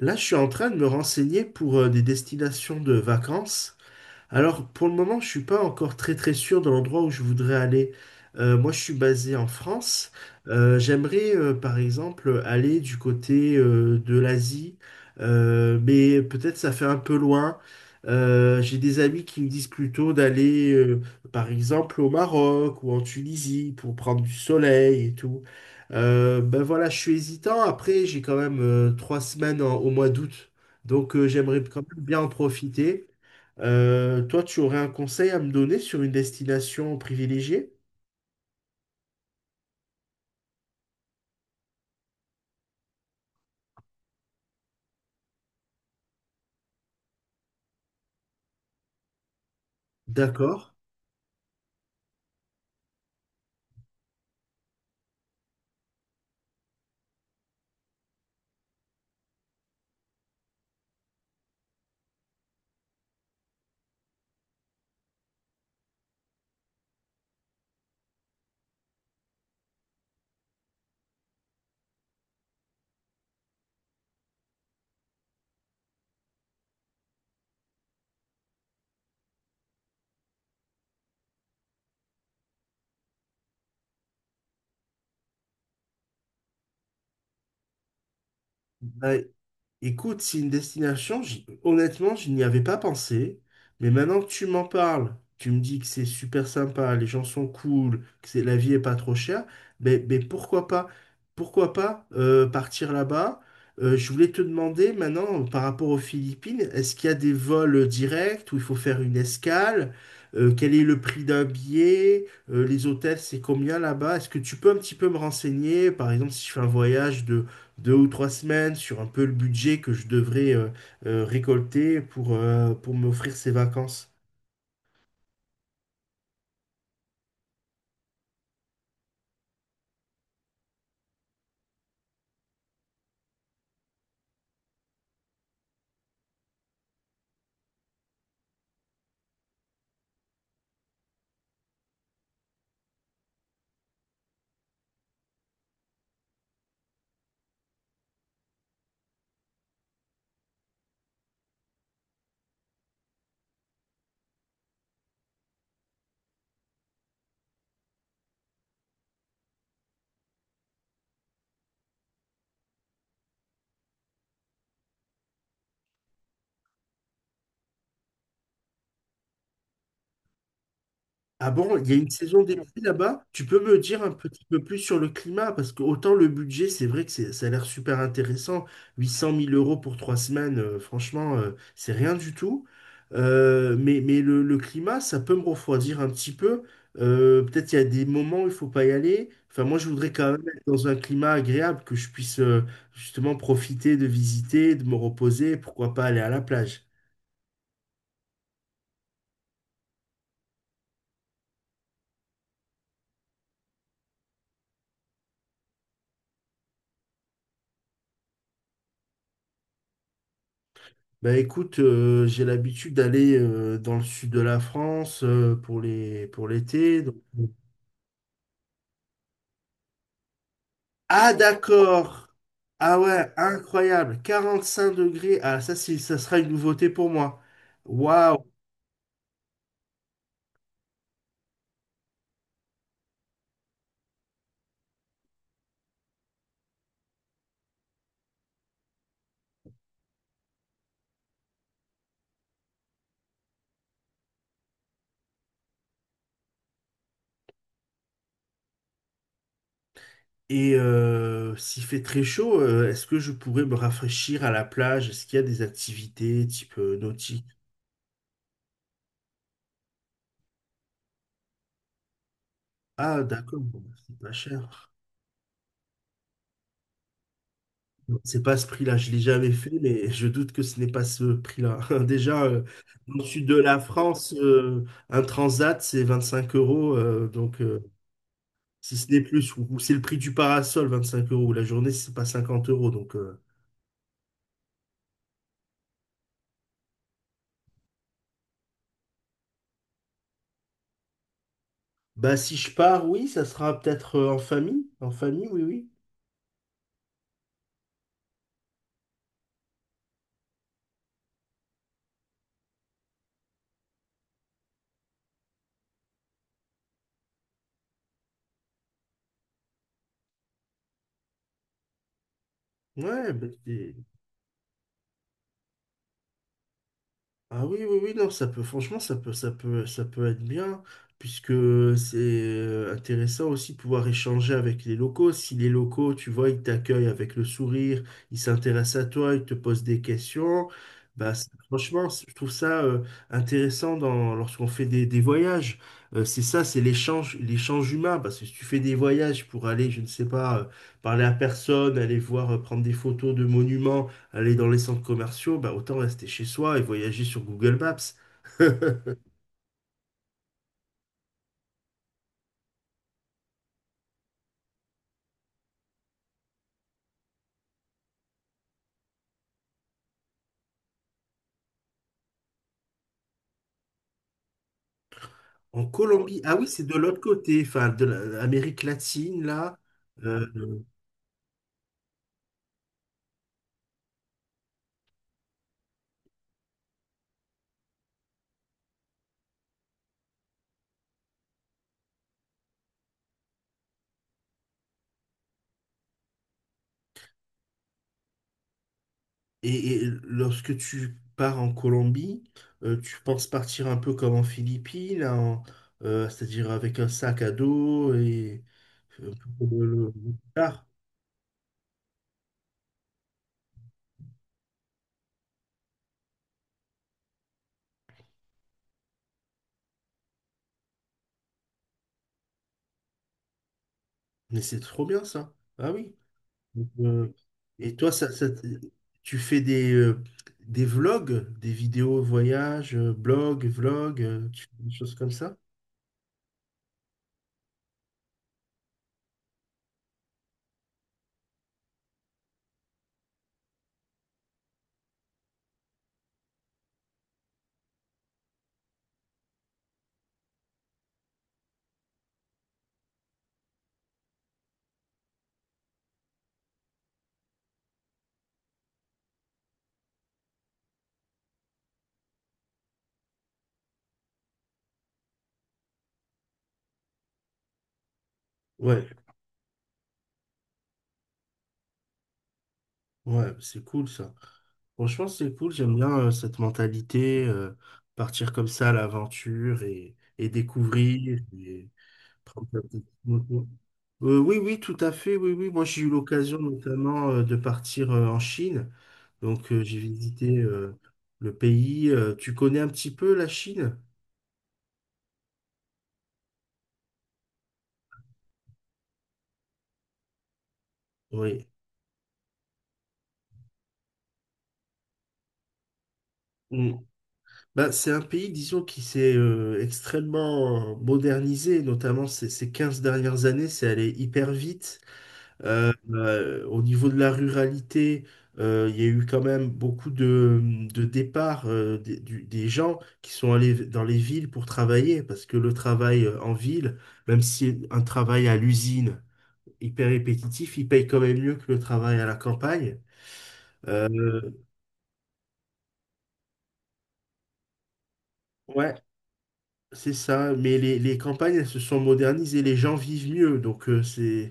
Là, je suis en train de me renseigner pour des destinations de vacances. Alors, pour le moment, je suis pas encore très très sûr de l'endroit où je voudrais aller. Moi, je suis basé en France. J'aimerais, par exemple, aller du côté de l'Asie. Mais peut-être ça fait un peu loin. J'ai des amis qui me disent plutôt d'aller, par exemple, au Maroc ou en Tunisie pour prendre du soleil et tout. Ben voilà, je suis hésitant. Après, j'ai quand même trois semaines au mois d'août, donc j'aimerais quand même bien en profiter. Toi, tu aurais un conseil à me donner sur une destination privilégiée? D'accord. Bah, écoute, c'est une destination, honnêtement, je n'y avais pas pensé, mais maintenant que tu m'en parles, tu me dis que c'est super sympa, les gens sont cool, que c'est, la vie est pas trop chère, mais pourquoi pas partir là-bas? Je voulais te demander maintenant, par rapport aux Philippines, est-ce qu'il y a des vols directs où il faut faire une escale? Quel est le prix d'un billet? Les hôtels, c'est combien là-bas? Est-ce que tu peux un petit peu me renseigner, par exemple, si je fais un voyage deux ou trois semaines sur un peu le budget que je devrais récolter pour m'offrir ces vacances. Ah bon, il y a une saison des pluies là-bas? Tu peux me dire un petit peu plus sur le climat? Parce que autant le budget, c'est vrai que ça a l'air super intéressant. 800 000 euros pour trois semaines, franchement, c'est rien du tout. Mais le climat, ça peut me refroidir un petit peu. Peut-être qu'il y a des moments où il faut pas y aller. Enfin, moi, je voudrais quand même être dans un climat agréable, que je puisse justement profiter de visiter, de me reposer, pourquoi pas aller à la plage. Bah écoute, j'ai l'habitude d'aller dans le sud de la France pour les pour l'été. Ah d'accord. Ah ouais, incroyable. 45 degrés. Ah, ça sera une nouveauté pour moi. Waouh. Et s'il fait très chaud, est-ce que je pourrais me rafraîchir à la plage? Est-ce qu'il y a des activités type nautique? Ah d'accord, bon, bah, c'est pas cher. Non, c'est pas ce prix-là, je l'ai jamais fait, mais je doute que ce n'est pas ce prix-là. Déjà, dans le sud de la France, un transat, c'est 25 euros. Donc, si ce n'est plus, ou c'est le prix du parasol, 25 euros. La journée, c'est pas 50 euros. Donc, bah, si je pars, oui, ça sera peut-être en famille. En famille, oui, oui. Ouais, bah, ah, oui, oui, oui, non, ça peut, franchement, ça peut être bien, puisque c'est intéressant aussi de pouvoir échanger avec les locaux. Si les locaux, tu vois, ils t'accueillent avec le sourire, ils s'intéressent à toi, ils te posent des questions, bah, franchement, je trouve ça intéressant dans, lorsqu'on fait des voyages. C'est ça, c'est l'échange, l'échange humain, parce que si tu fais des voyages pour aller, je ne sais pas, parler à personne, aller voir, prendre des photos de monuments, aller dans les centres commerciaux, bah, autant rester chez soi et voyager sur Google Maps. En Colombie, ah oui, c'est de l'autre côté, enfin de l'Amérique latine, là. Euh, et lorsque tu pars en Colombie, tu penses partir un peu comme en Philippines, c'est-à-dire avec un sac à dos et euh, le- le- le- le- ah. Mais c'est trop bien ça. Ah oui. Donc, et toi, tu fais des vlogs, des vidéos voyage, blog, vlog, tu fais des choses comme ça? Ouais, ouais, c'est cool ça. Franchement, c'est cool, j'aime bien cette mentalité, partir comme ça à l'aventure et découvrir. Et prendre sa petite moto. Oui, oui, tout à fait, oui, oui. Moi, j'ai eu l'occasion notamment de partir en Chine. Donc, j'ai visité le pays. Tu connais un petit peu la Chine? Oui. Mm. Bah, c'est un pays, disons, qui s'est extrêmement modernisé, notamment ces 15 dernières années, c'est allé hyper vite. Au niveau de la ruralité, il y a eu quand même beaucoup de départs des gens qui sont allés dans les villes pour travailler, parce que le travail en ville, même si un travail à l'usine hyper répétitif, il paye quand même mieux que le travail à la campagne. Euh, ouais, c'est ça, mais les campagnes, elles se sont modernisées, les gens vivent mieux, donc c'est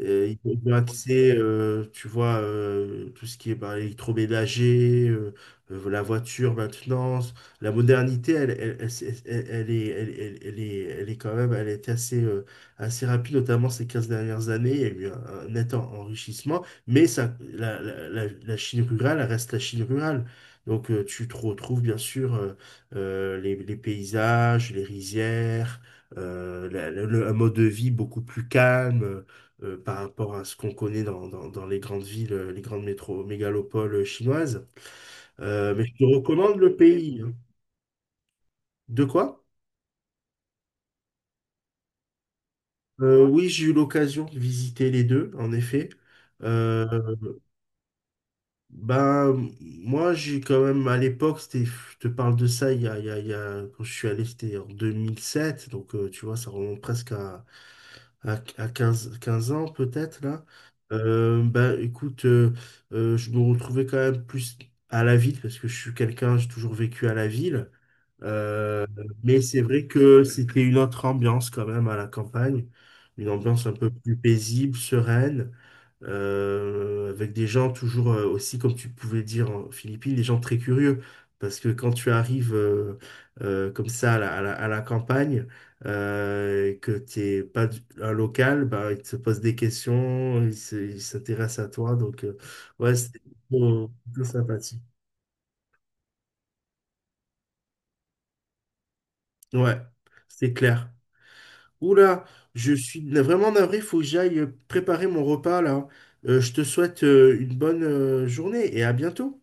ils ont accès, tu vois, tout ce qui est bah, électroménager, la voiture maintenant, la modernité, elle, elle- elle est quand même, elle était assez rapide, notamment ces 15 dernières années, il y a eu un net enrichissement, mais ça, la Chine rurale elle reste la Chine rurale, donc tu te retrouves bien sûr. Les paysages, les rizières, un mode de vie beaucoup plus calme par rapport à ce qu'on connaît dans les grandes villes, les grandes mégalopoles chinoises. Mais je te recommande le pays, hein. De quoi? Oui, j'ai eu l'occasion de visiter les deux, en effet. Euh, Ben, moi, j'ai quand même, à l'époque, c'était, je te parle de ça, il y a, il y a, il y a- quand je suis allé, c'était en 2007 donc tu vois, ça remonte presque à, à, 15 15 ans peut-être, là. Ben, écoute, je me retrouvais quand même plus à la ville, parce que je suis quelqu'un, j'ai toujours vécu à la ville. Euh, mais c'est vrai que c'était une autre ambiance quand même à la campagne, une ambiance un peu plus paisible, sereine, avec des gens toujours aussi, comme tu pouvais dire en Philippines, des gens très curieux. Parce que quand tu arrives comme ça à la campagne, et que tu n'es pas un local, bah, ils te posent des questions, ils s'intéressent à toi. Donc, ouais, c'était plutôt, plutôt sympathique. Ouais, c'est clair. Oula, je suis vraiment navré, faut que j'aille préparer mon repas là. Je te souhaite une bonne journée et à bientôt.